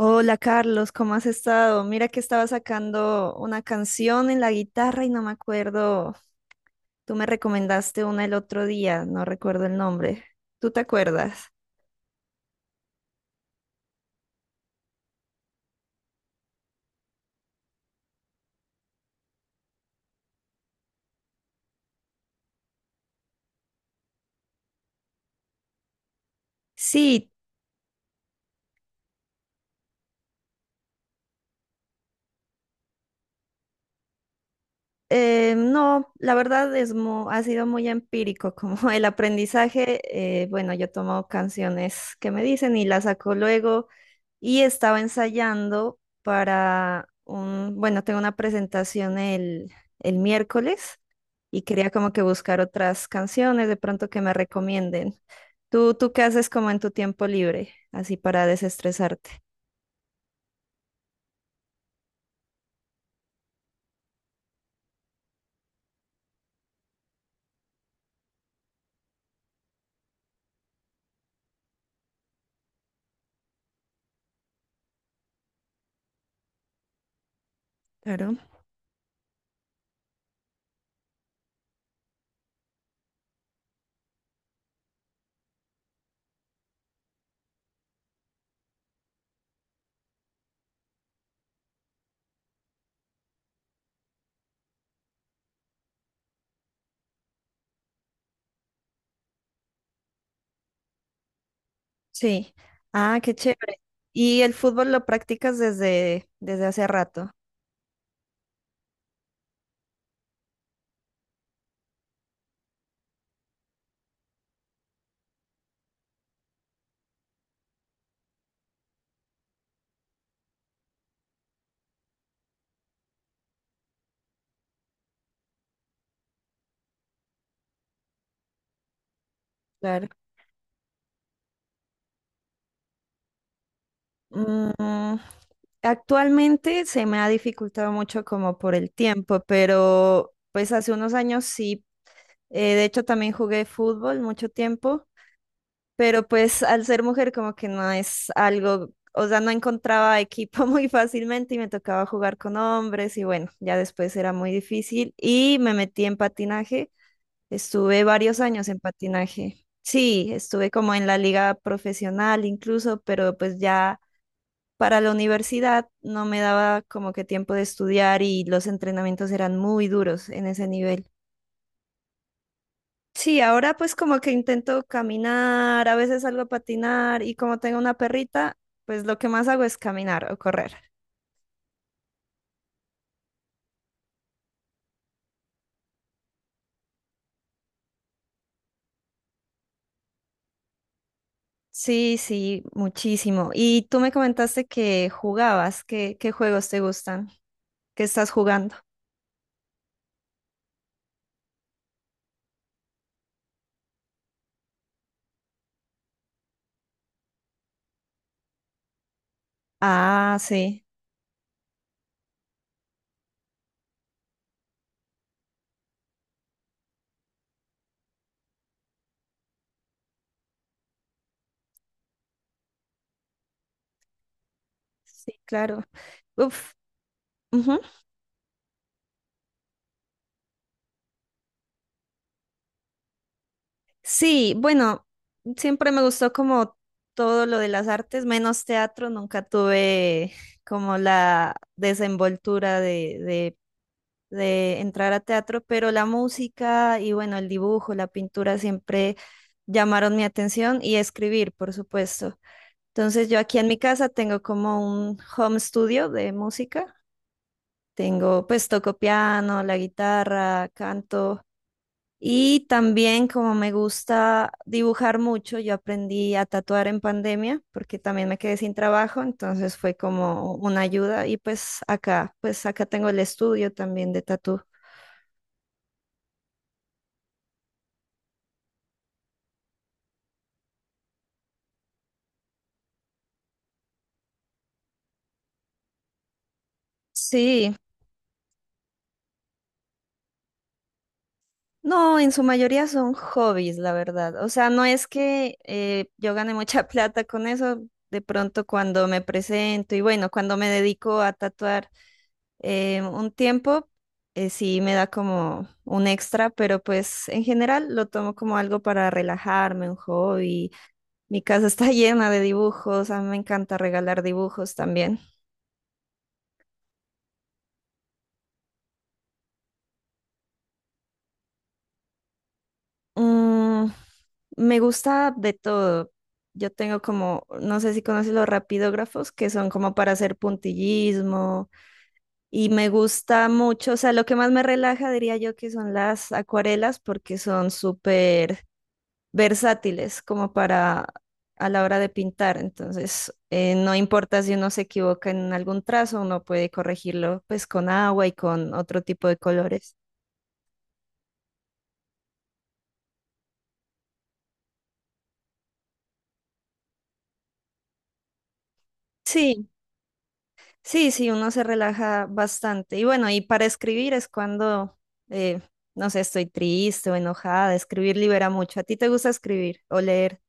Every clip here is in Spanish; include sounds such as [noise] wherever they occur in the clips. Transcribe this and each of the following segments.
Hola Carlos, ¿cómo has estado? Mira que estaba sacando una canción en la guitarra y no me acuerdo. Tú me recomendaste una el otro día, no recuerdo el nombre. ¿Tú te acuerdas? Sí. No, la verdad es ha sido muy empírico como [laughs] el aprendizaje. Bueno, yo tomo canciones que me dicen y las saco luego y estaba ensayando para bueno, tengo una presentación el miércoles y quería como que buscar otras canciones de pronto que me recomienden. ¿Tú qué haces como en tu tiempo libre, así para desestresarte? Claro. Sí. Ah, qué chévere. ¿Y el fútbol lo practicas desde hace rato? Claro. Mm, actualmente se me ha dificultado mucho como por el tiempo, pero pues hace unos años sí. De hecho, también jugué fútbol mucho tiempo, pero pues al ser mujer como que no es algo, o sea, no encontraba equipo [laughs] muy fácilmente y me tocaba jugar con hombres y bueno, ya después era muy difícil y me metí en patinaje. Estuve varios años en patinaje. Sí, estuve como en la liga profesional incluso, pero pues ya para la universidad no me daba como que tiempo de estudiar y los entrenamientos eran muy duros en ese nivel. Sí, ahora pues como que intento caminar, a veces salgo a patinar y como tengo una perrita, pues lo que más hago es caminar o correr. Sí, sí, muchísimo. Y tú me comentaste que jugabas, ¿qué, qué juegos te gustan? ¿Qué estás jugando? Ah, sí. Sí, claro. Uf, ujú. Sí, bueno, siempre me gustó como todo lo de las artes, menos teatro, nunca tuve como la desenvoltura de entrar a teatro, pero la música y bueno, el dibujo, la pintura siempre llamaron mi atención y escribir, por supuesto. Entonces yo aquí en mi casa tengo como un home studio de música, tengo pues toco piano, la guitarra, canto. Y también como me gusta dibujar mucho, yo aprendí a tatuar en pandemia porque también me quedé sin trabajo, entonces fue como una ayuda y pues acá tengo el estudio también de tatú. Sí, no, en su mayoría son hobbies, la verdad. O sea, no es que yo gane mucha [laughs] plata con eso, de pronto cuando me presento y bueno, cuando me dedico a tatuar. eh, un tiempo, sí me da como un extra, pero pues en general lo tomo como algo para relajarme, un hobby. Mi casa está [laughs] llena de dibujos, a mí me encanta regalar dibujos también. Mm, me gusta de todo. Yo tengo como, no sé si conoces los rapidógrafos, que son como para hacer puntillismo, y me gusta mucho, o sea, lo que más me relaja diría yo que son las acuarelas, porque son súper versátiles como para a la hora de pintar. Entonces, no importa si uno se equivoca en algún trazo, uno puede corregirlo pues con agua y con otro tipo de colores. Sí, sí, sí, uno se relaja bastante. Y bueno, y para escribir es cuando, eh, no sé, estoy triste o enojada. Escribir libera mucho. ¿A ti te gusta escribir o leer?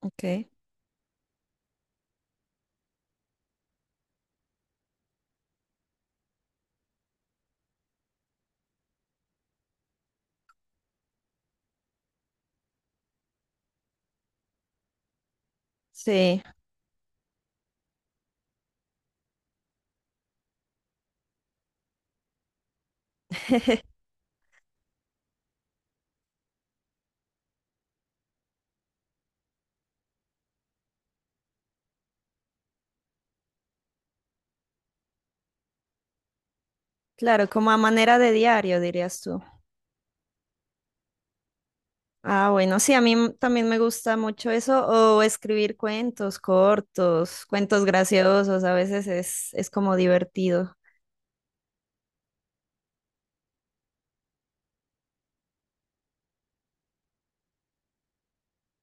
Ok. Sí, [laughs] claro, como a manera de diario, dirías tú. Ah, bueno, sí, a mí también me gusta mucho eso, o escribir cuentos cortos, cuentos graciosos, a veces es como divertido.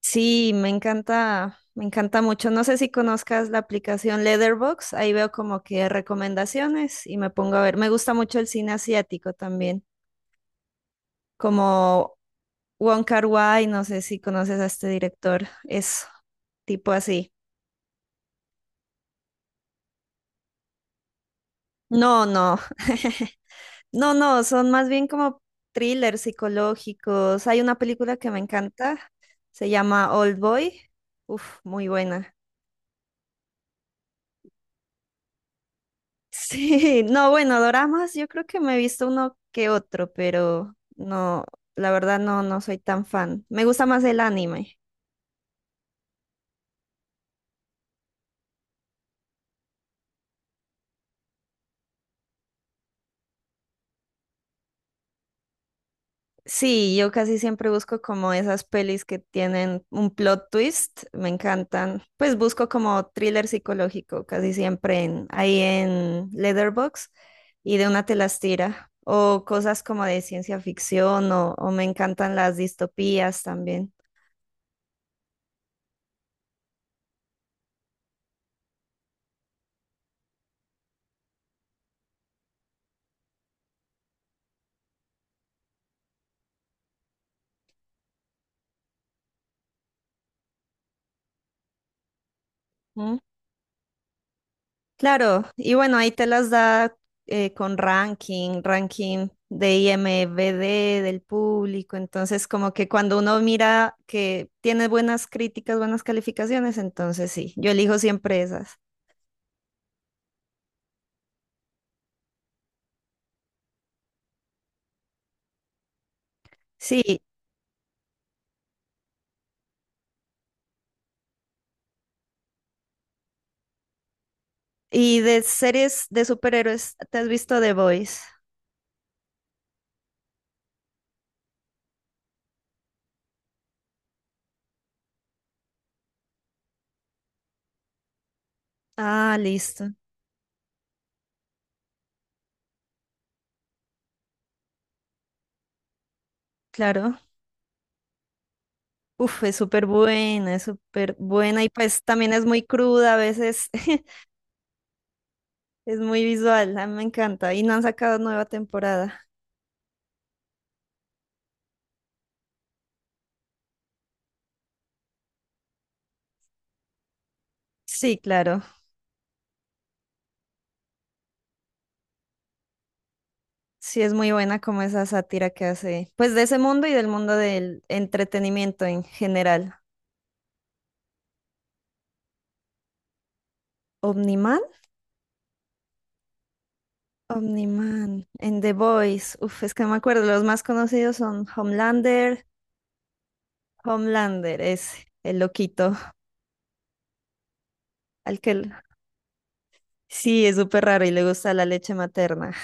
Sí, me encanta mucho. No sé si conozcas la aplicación Letterboxd, ahí veo como que recomendaciones y me pongo a ver. Me gusta mucho el cine asiático también, como Wong Kar-wai, no sé si conoces a este director, es tipo así. No, no. No, no, son más bien como thrillers psicológicos. Hay una película que me encanta, se llama Old Boy. Uf, muy buena. [laughs] Sí, no, bueno, doramas, yo creo que me he visto uno que otro, pero no, la verdad no, no soy tan fan. Me gusta más el anime. Sí, yo casi siempre busco como esas pelis que tienen un plot twist, me encantan. Pues busco como thriller psicológico, casi siempre ahí en Letterboxd y de una te las tira. O cosas como de ciencia ficción o me encantan las distopías también. Claro, y bueno, ahí te las da con ranking, ranking de IMDb del público, entonces como que cuando uno mira que tiene buenas críticas, buenas calificaciones, entonces sí, yo elijo siempre esas. Sí, y de series de superhéroes, ¿te has visto The Boys? Ah, listo, claro. Uf, es súper buena y pues también es muy cruda, a veces [laughs] es muy visual, a mí me encanta y no han sacado nueva temporada. Sí, claro. Sí, es muy buena como esa sátira que hace, pues de ese mundo y del mundo del entretenimiento en general. ¿Omniman? Omniman. En The Voice, uf, es que no me acuerdo. Los más conocidos son Homelander. Homelander es el loquito al que... Sí, es súper raro y le gusta la leche materna.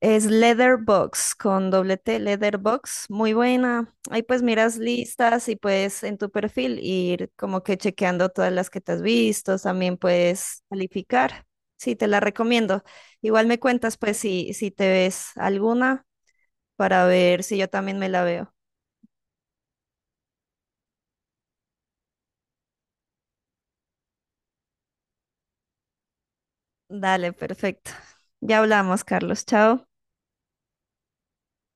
Es Leatherbox con doble T, Leatherbox, muy buena. Ahí pues miras listas y puedes en tu perfil ir como que chequeando todas las que te has visto, también puedes calificar. Sí, te la recomiendo. Igual me cuentas pues si te ves alguna para ver si yo también me la veo. Dale, perfecto. Ya hablamos, Carlos. Chao.